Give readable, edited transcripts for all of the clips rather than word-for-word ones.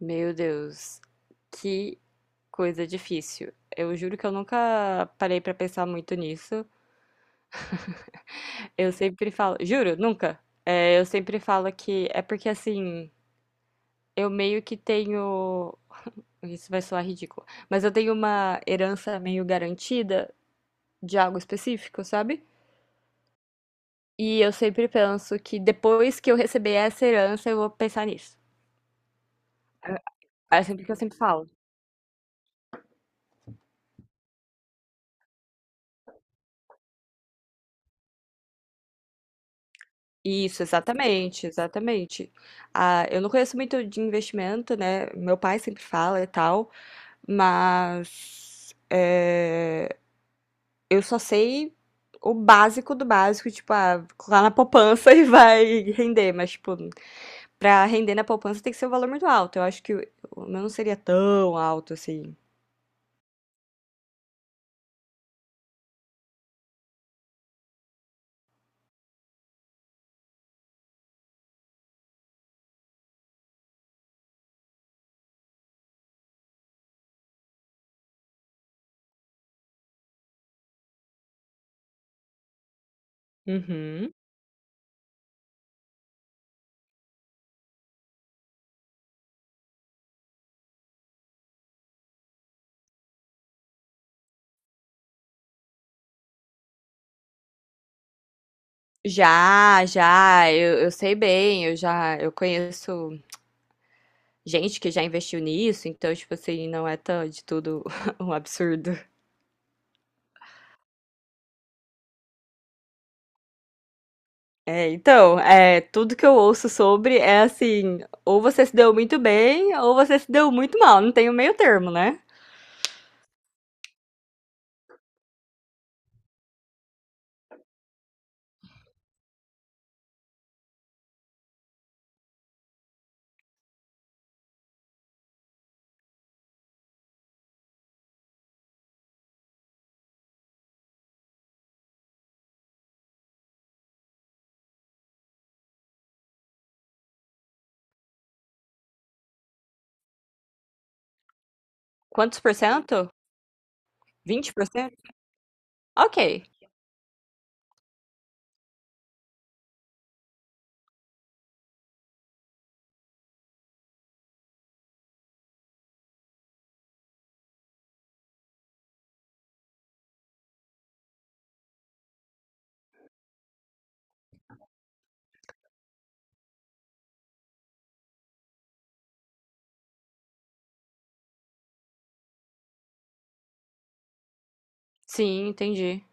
Meu Deus, que coisa difícil. Eu juro que eu nunca parei pra pensar muito nisso. Eu sempre falo, juro, nunca. É, eu sempre falo que é porque assim, eu meio que tenho. Isso vai soar ridículo, mas eu tenho uma herança meio garantida de algo específico, sabe? E eu sempre penso que depois que eu receber essa herança, eu vou pensar nisso. É é sempre que eu sempre falo. Isso, exatamente, exatamente. Ah, eu não conheço muito de investimento, né? Meu pai sempre fala e tal, mas é, eu só sei o básico do básico, tipo, ah, lá na poupança e vai render, mas, tipo, pra render na poupança tem que ser um valor muito alto. Eu acho que o meu não seria tão alto assim. Uhum. Já, já, eu sei bem, eu já, eu conheço gente que já investiu nisso, então, tipo assim, não é tão de tudo um absurdo. É, então, é, tudo que eu ouço sobre é assim, ou você se deu muito bem, ou você se deu muito mal, não tem o meio termo, né? Quantos por cento? Vinte por cento. Ok. Sim, entendi.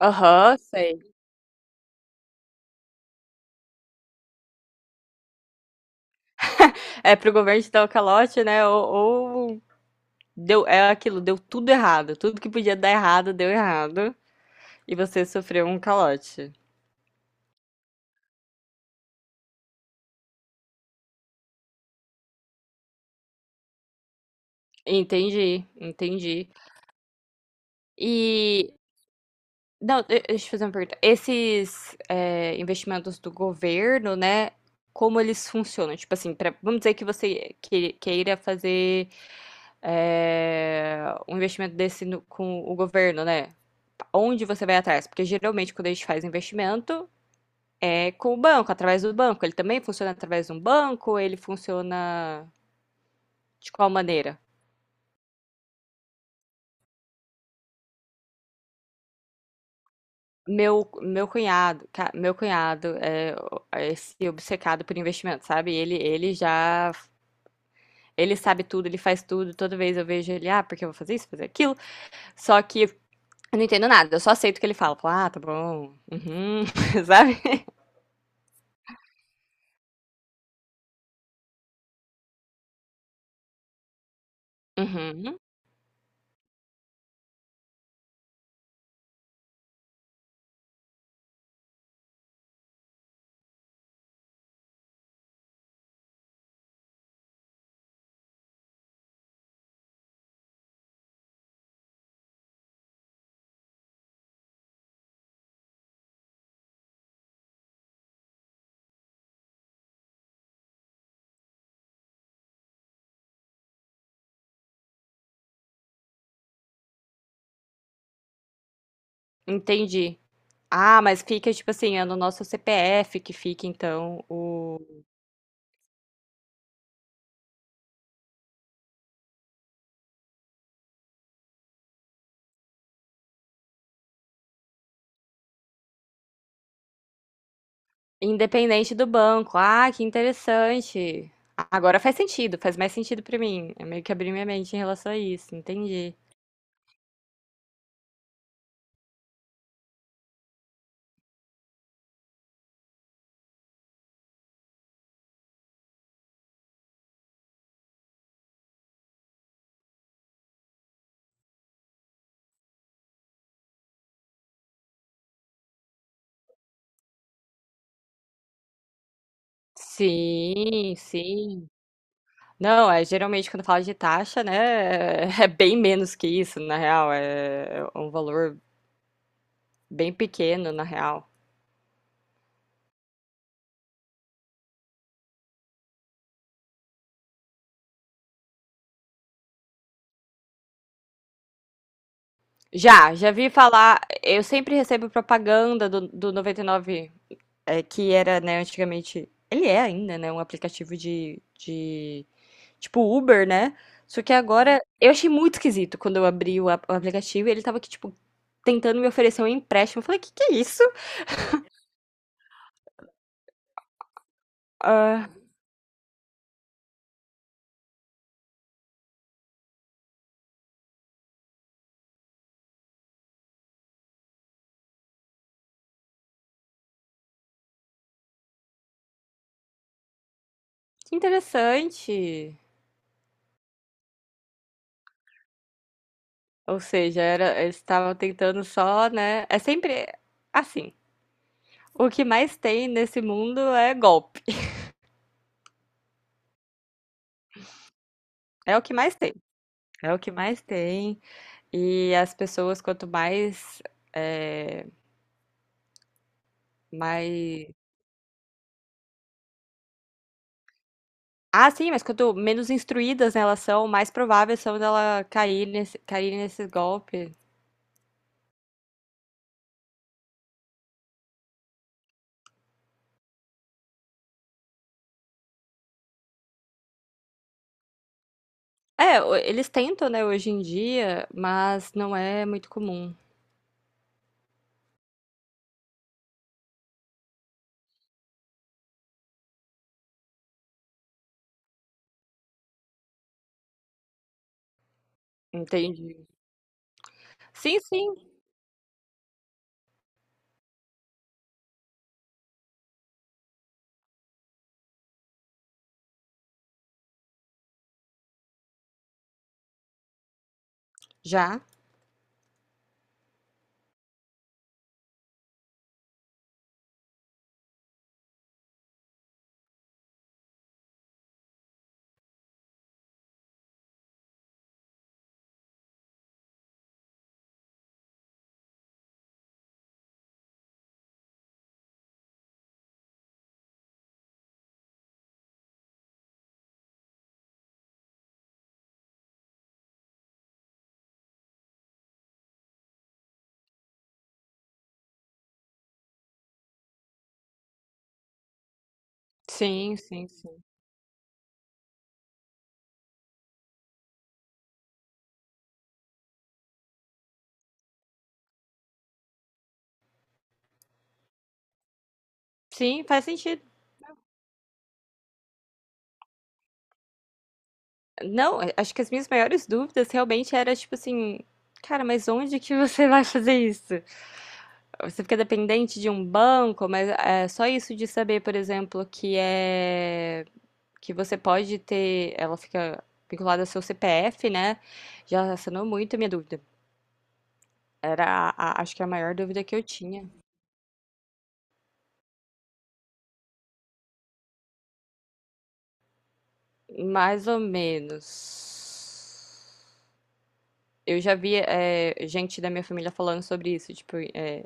Aham, sei. É pro governo te dar o calote, né? Ou deu, é aquilo, deu tudo errado. Tudo que podia dar errado, deu errado. E você sofreu um calote. Entendi, entendi. E não, deixa eu te fazer uma pergunta. Esses é, investimentos do governo, né? Como eles funcionam? Tipo assim, vamos dizer que você queira fazer é, um investimento desse com o governo, né? Onde você vai atrás? Porque geralmente quando a gente faz investimento é com o banco, através do banco. Ele também funciona através de um banco? Ele funciona de qual maneira? Meu cunhado, meu cunhado é, é esse obcecado por investimento, sabe? Ele já ele sabe tudo, ele faz tudo. Toda vez eu vejo ele, ah, porque eu vou fazer isso, fazer aquilo. Só que eu não entendo nada, eu só aceito o que ele fala. Falo, ah, tá bom. Uhum, sabe? Uhum. Entendi. Ah, mas fica, tipo assim, é no nosso CPF que fica, então, o. Independente do banco. Ah, que interessante. Agora faz sentido, faz mais sentido pra mim. Eu meio que abri minha mente em relação a isso, entendi. Sim, sim. Não, é geralmente quando fala de taxa, né, é é bem menos que isso, na real, é um valor bem pequeno, na real. Já, já vi falar, eu sempre recebo propaganda do 99, é, que era, né, antigamente, ele é ainda, né, um aplicativo tipo Uber, né, só que agora, eu achei muito esquisito quando eu abri o, o aplicativo e ele tava aqui, tipo, tentando me oferecer um empréstimo, eu falei, que é isso? Ah, que interessante. Ou seja, era, eles estavam tentando só, né? É sempre assim. O que mais tem nesse mundo é golpe. É o que mais tem. É o que mais tem. E as pessoas, quanto mais, é, mais... Ah, sim, mas quanto menos instruídas né, elas são, mais prováveis são dela cair nesse golpe. É, eles tentam, né, hoje em dia, mas não é muito comum. Entendi. Sim, sim, já. Sim, sim, sim. Sim, faz sentido. Não, acho que as minhas maiores dúvidas realmente era tipo assim, cara, mas onde que você vai fazer isso? Você fica dependente de um banco, mas é só isso de saber, por exemplo, que é que você pode ter, ela fica vinculada ao seu CPF, né? Já sanou muito a minha dúvida. Era a, acho que a maior dúvida que eu tinha. Mais ou menos. Eu já vi é, gente da minha família falando sobre isso, tipo, é,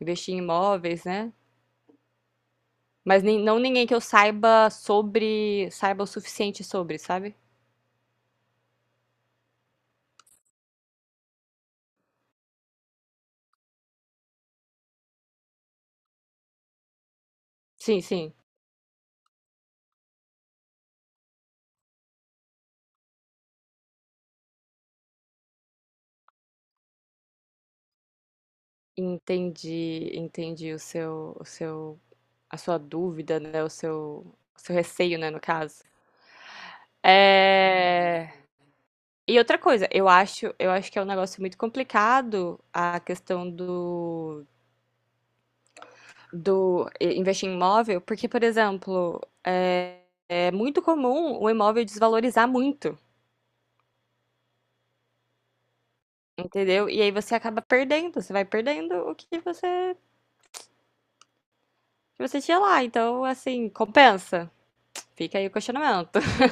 investir em imóveis, né? Mas nem, não ninguém que eu saiba sobre, saiba o suficiente sobre, sabe? Sim, sim. Entendi, entendi o seu, a sua dúvida, né? O seu receio, né, no caso. É... E outra coisa, eu acho que é um negócio muito complicado a questão do, do eh, investir em imóvel, porque, por exemplo, é, é muito comum o imóvel desvalorizar muito, entendeu? E aí você acaba perdendo, você vai perdendo o que você tinha lá. Então, assim, compensa. Fica aí o questionamento.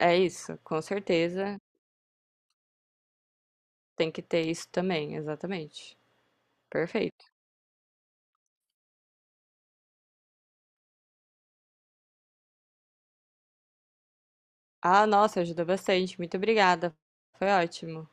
É isso, com certeza tem que ter isso também, exatamente. Perfeito. Ah, nossa, ajudou bastante. Muito obrigada. Foi ótimo.